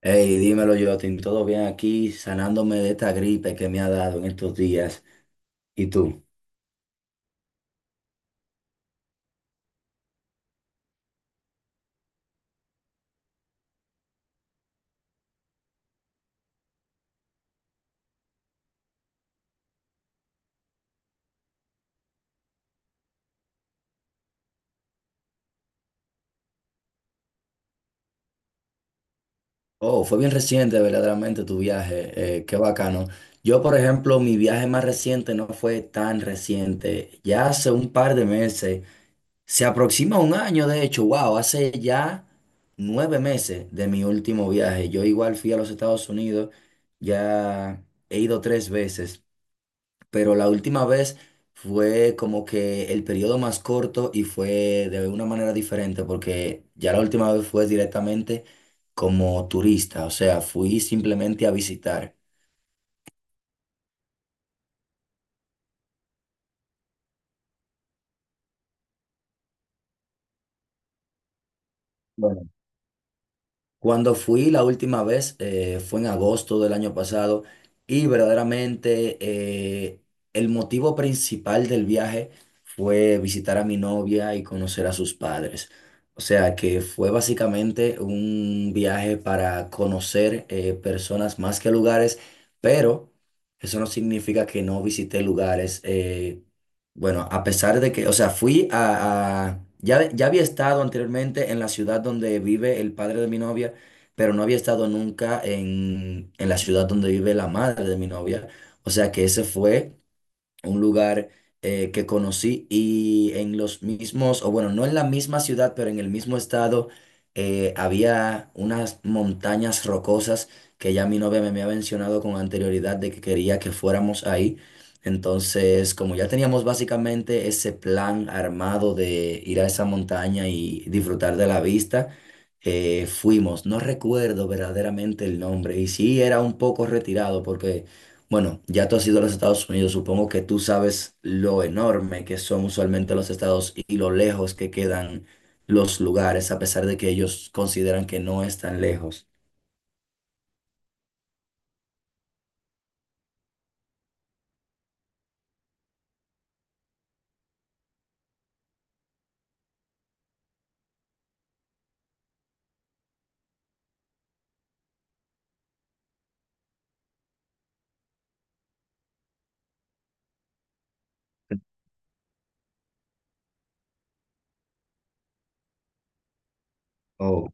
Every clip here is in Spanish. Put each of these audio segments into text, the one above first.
Hey, dímelo, Jotin, ¿todo bien aquí? Sanándome de esta gripe que me ha dado en estos días. ¿Y tú? Oh, fue bien reciente, verdaderamente, tu viaje. Qué bacano. Yo, por ejemplo, mi viaje más reciente no fue tan reciente. Ya hace un par de meses, se aproxima un año, de hecho, wow, hace ya 9 meses de mi último viaje. Yo igual fui a los Estados Unidos, ya he ido tres veces, pero la última vez fue como que el periodo más corto y fue de una manera diferente, porque ya la última vez fue directamente como turista, o sea, fui simplemente a visitar. Cuando fui la última vez fue en agosto del año pasado y verdaderamente, el motivo principal del viaje fue visitar a mi novia y conocer a sus padres. O sea que fue básicamente un viaje para conocer personas más que lugares, pero eso no significa que no visité lugares. Bueno, a pesar de que, o sea, ya, ya había estado anteriormente en la ciudad donde vive el padre de mi novia, pero no había estado nunca en la ciudad donde vive la madre de mi novia. O sea que ese fue un lugar, que conocí, y en los mismos, o bueno, no en la misma ciudad, pero en el mismo estado, había unas montañas rocosas que ya mi novia me había mencionado con anterioridad de que quería que fuéramos ahí. Entonces, como ya teníamos básicamente ese plan armado de ir a esa montaña y disfrutar de la vista, fuimos, no recuerdo verdaderamente el nombre, y sí era un poco retirado porque, bueno, ya tú has ido a los Estados Unidos, supongo que tú sabes lo enorme que son usualmente los estados y lo lejos que quedan los lugares, a pesar de que ellos consideran que no es tan lejos. Oh,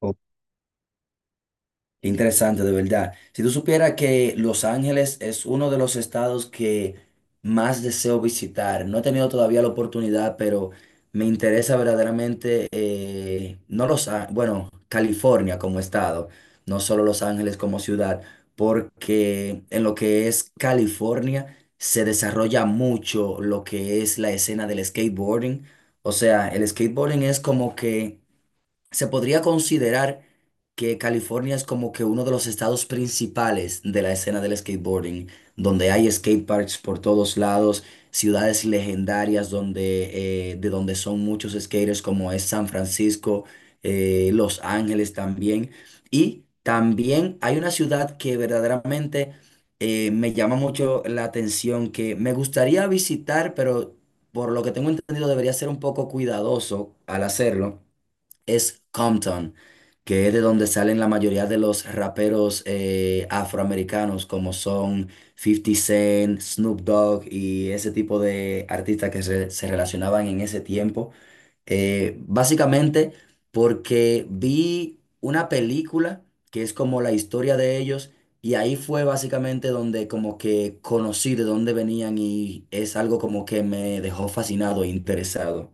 ok. Interesante, de verdad. Si tú supieras que Los Ángeles es uno de los estados que más deseo visitar, no he tenido todavía la oportunidad, pero me interesa verdaderamente, no Los Á- bueno, California como estado, no solo Los Ángeles como ciudad, porque en lo que es California se desarrolla mucho lo que es la escena del skateboarding. O sea, el skateboarding es como que se podría considerar que California es como que uno de los estados principales de la escena del skateboarding, donde hay skateparks por todos lados, ciudades legendarias donde, de donde son muchos skaters, como es San Francisco, Los Ángeles también. Y también hay una ciudad que verdaderamente, me llama mucho la atención, que me gustaría visitar, pero por lo que tengo entendido debería ser un poco cuidadoso al hacerlo, es Compton, que es de donde salen la mayoría de los raperos, afroamericanos, como son Fifty Cent, Snoop Dogg y ese tipo de artistas que se relacionaban en ese tiempo. Básicamente porque vi una película que es como la historia de ellos. Y ahí fue básicamente donde como que conocí de dónde venían y es algo como que me dejó fascinado e interesado.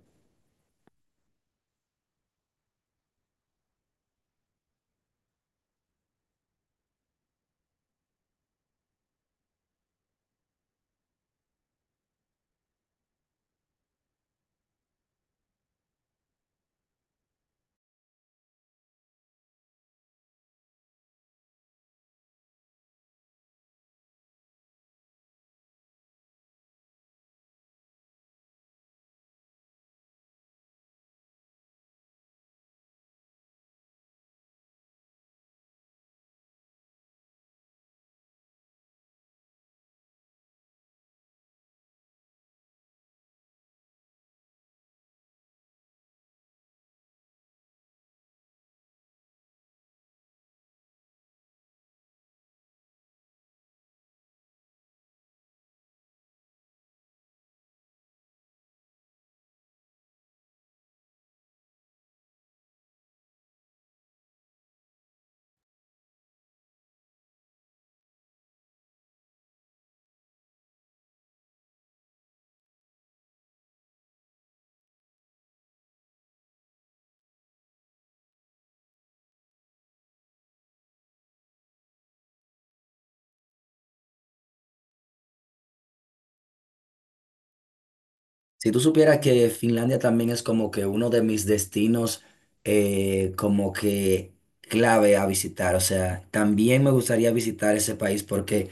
Si tú supieras que Finlandia también es como que uno de mis destinos, como que clave a visitar, o sea, también me gustaría visitar ese país porque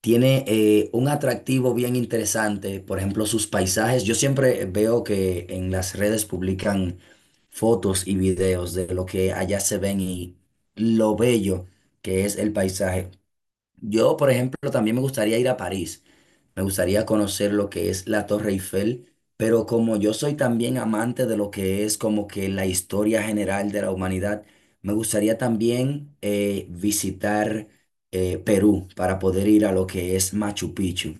tiene, un atractivo bien interesante, por ejemplo, sus paisajes. Yo siempre veo que en las redes publican fotos y videos de lo que allá se ven y lo bello que es el paisaje. Yo, por ejemplo, también me gustaría ir a París. Me gustaría conocer lo que es la Torre Eiffel, pero como yo soy también amante de lo que es como que la historia general de la humanidad, me gustaría también, visitar Perú para poder ir a lo que es Machu Picchu.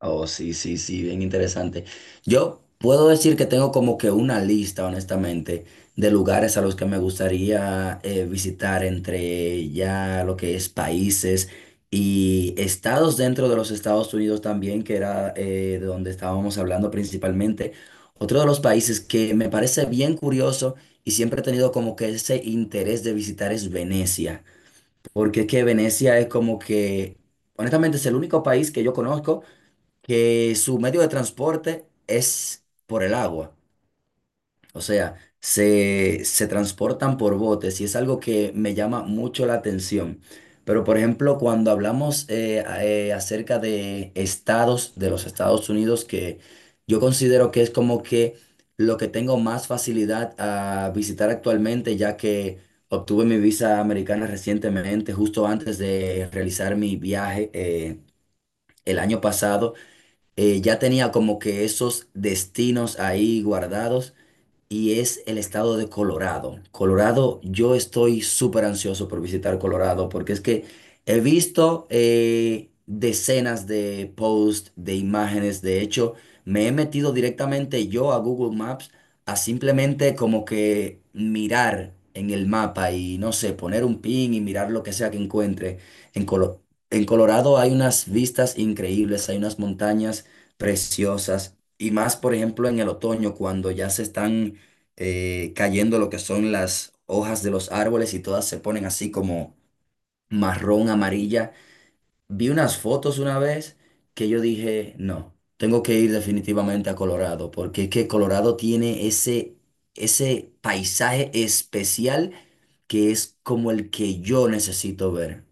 Oh, sí, sí, sí, bien interesante. Yo puedo decir que tengo como que una lista, honestamente, de lugares a los que me gustaría, visitar, entre ya lo que es países y estados dentro de los Estados Unidos también, que era, de donde estábamos hablando principalmente. Otro de los países que me parece bien curioso y siempre he tenido como que ese interés de visitar es Venecia, porque es que Venecia es como que, honestamente, es el único país que yo conozco que su medio de transporte es por el agua. O sea, se transportan por botes y es algo que me llama mucho la atención. Pero, por ejemplo, cuando hablamos, acerca de estados de los Estados Unidos, que yo considero que es como que lo que tengo más facilidad a visitar actualmente, ya que obtuve mi visa americana recientemente, justo antes de realizar mi viaje, el año pasado, ya tenía como que esos destinos ahí guardados, y es el estado de Colorado. Colorado, yo estoy súper ansioso por visitar Colorado porque es que he visto, decenas de posts, de imágenes, de hecho, me he metido directamente yo a Google Maps a simplemente como que mirar en el mapa y no sé, poner un pin y mirar lo que sea que encuentre. En Colo- en Colorado hay unas vistas increíbles, hay unas montañas preciosas. Y más, por ejemplo, en el otoño, cuando ya se están, cayendo lo que son las hojas de los árboles y todas se ponen así como marrón, amarilla. Vi unas fotos una vez que yo dije, no, tengo que ir definitivamente a Colorado, porque es que Colorado tiene ese, ese paisaje especial que es como el que yo necesito ver.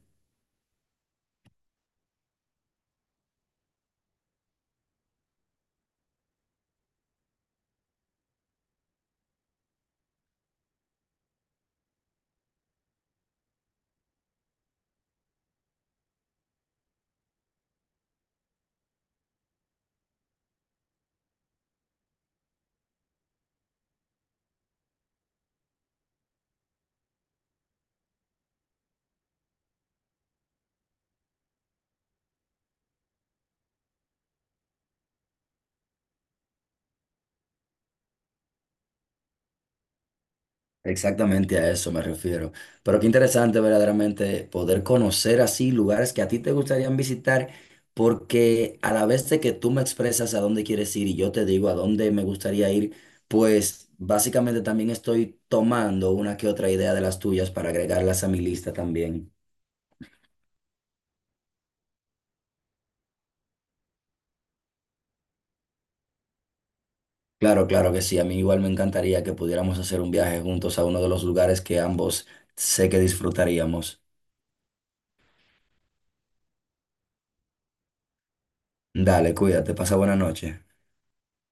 Exactamente a eso me refiero. Pero qué interesante verdaderamente poder conocer así lugares que a ti te gustarían visitar, porque a la vez de que tú me expresas a dónde quieres ir y yo te digo a dónde me gustaría ir, pues básicamente también estoy tomando una que otra idea de las tuyas para agregarlas a mi lista también. Claro, claro que sí. A mí igual me encantaría que pudiéramos hacer un viaje juntos a uno de los lugares que ambos sé que disfrutaríamos. Dale, cuídate, pasa buena noche.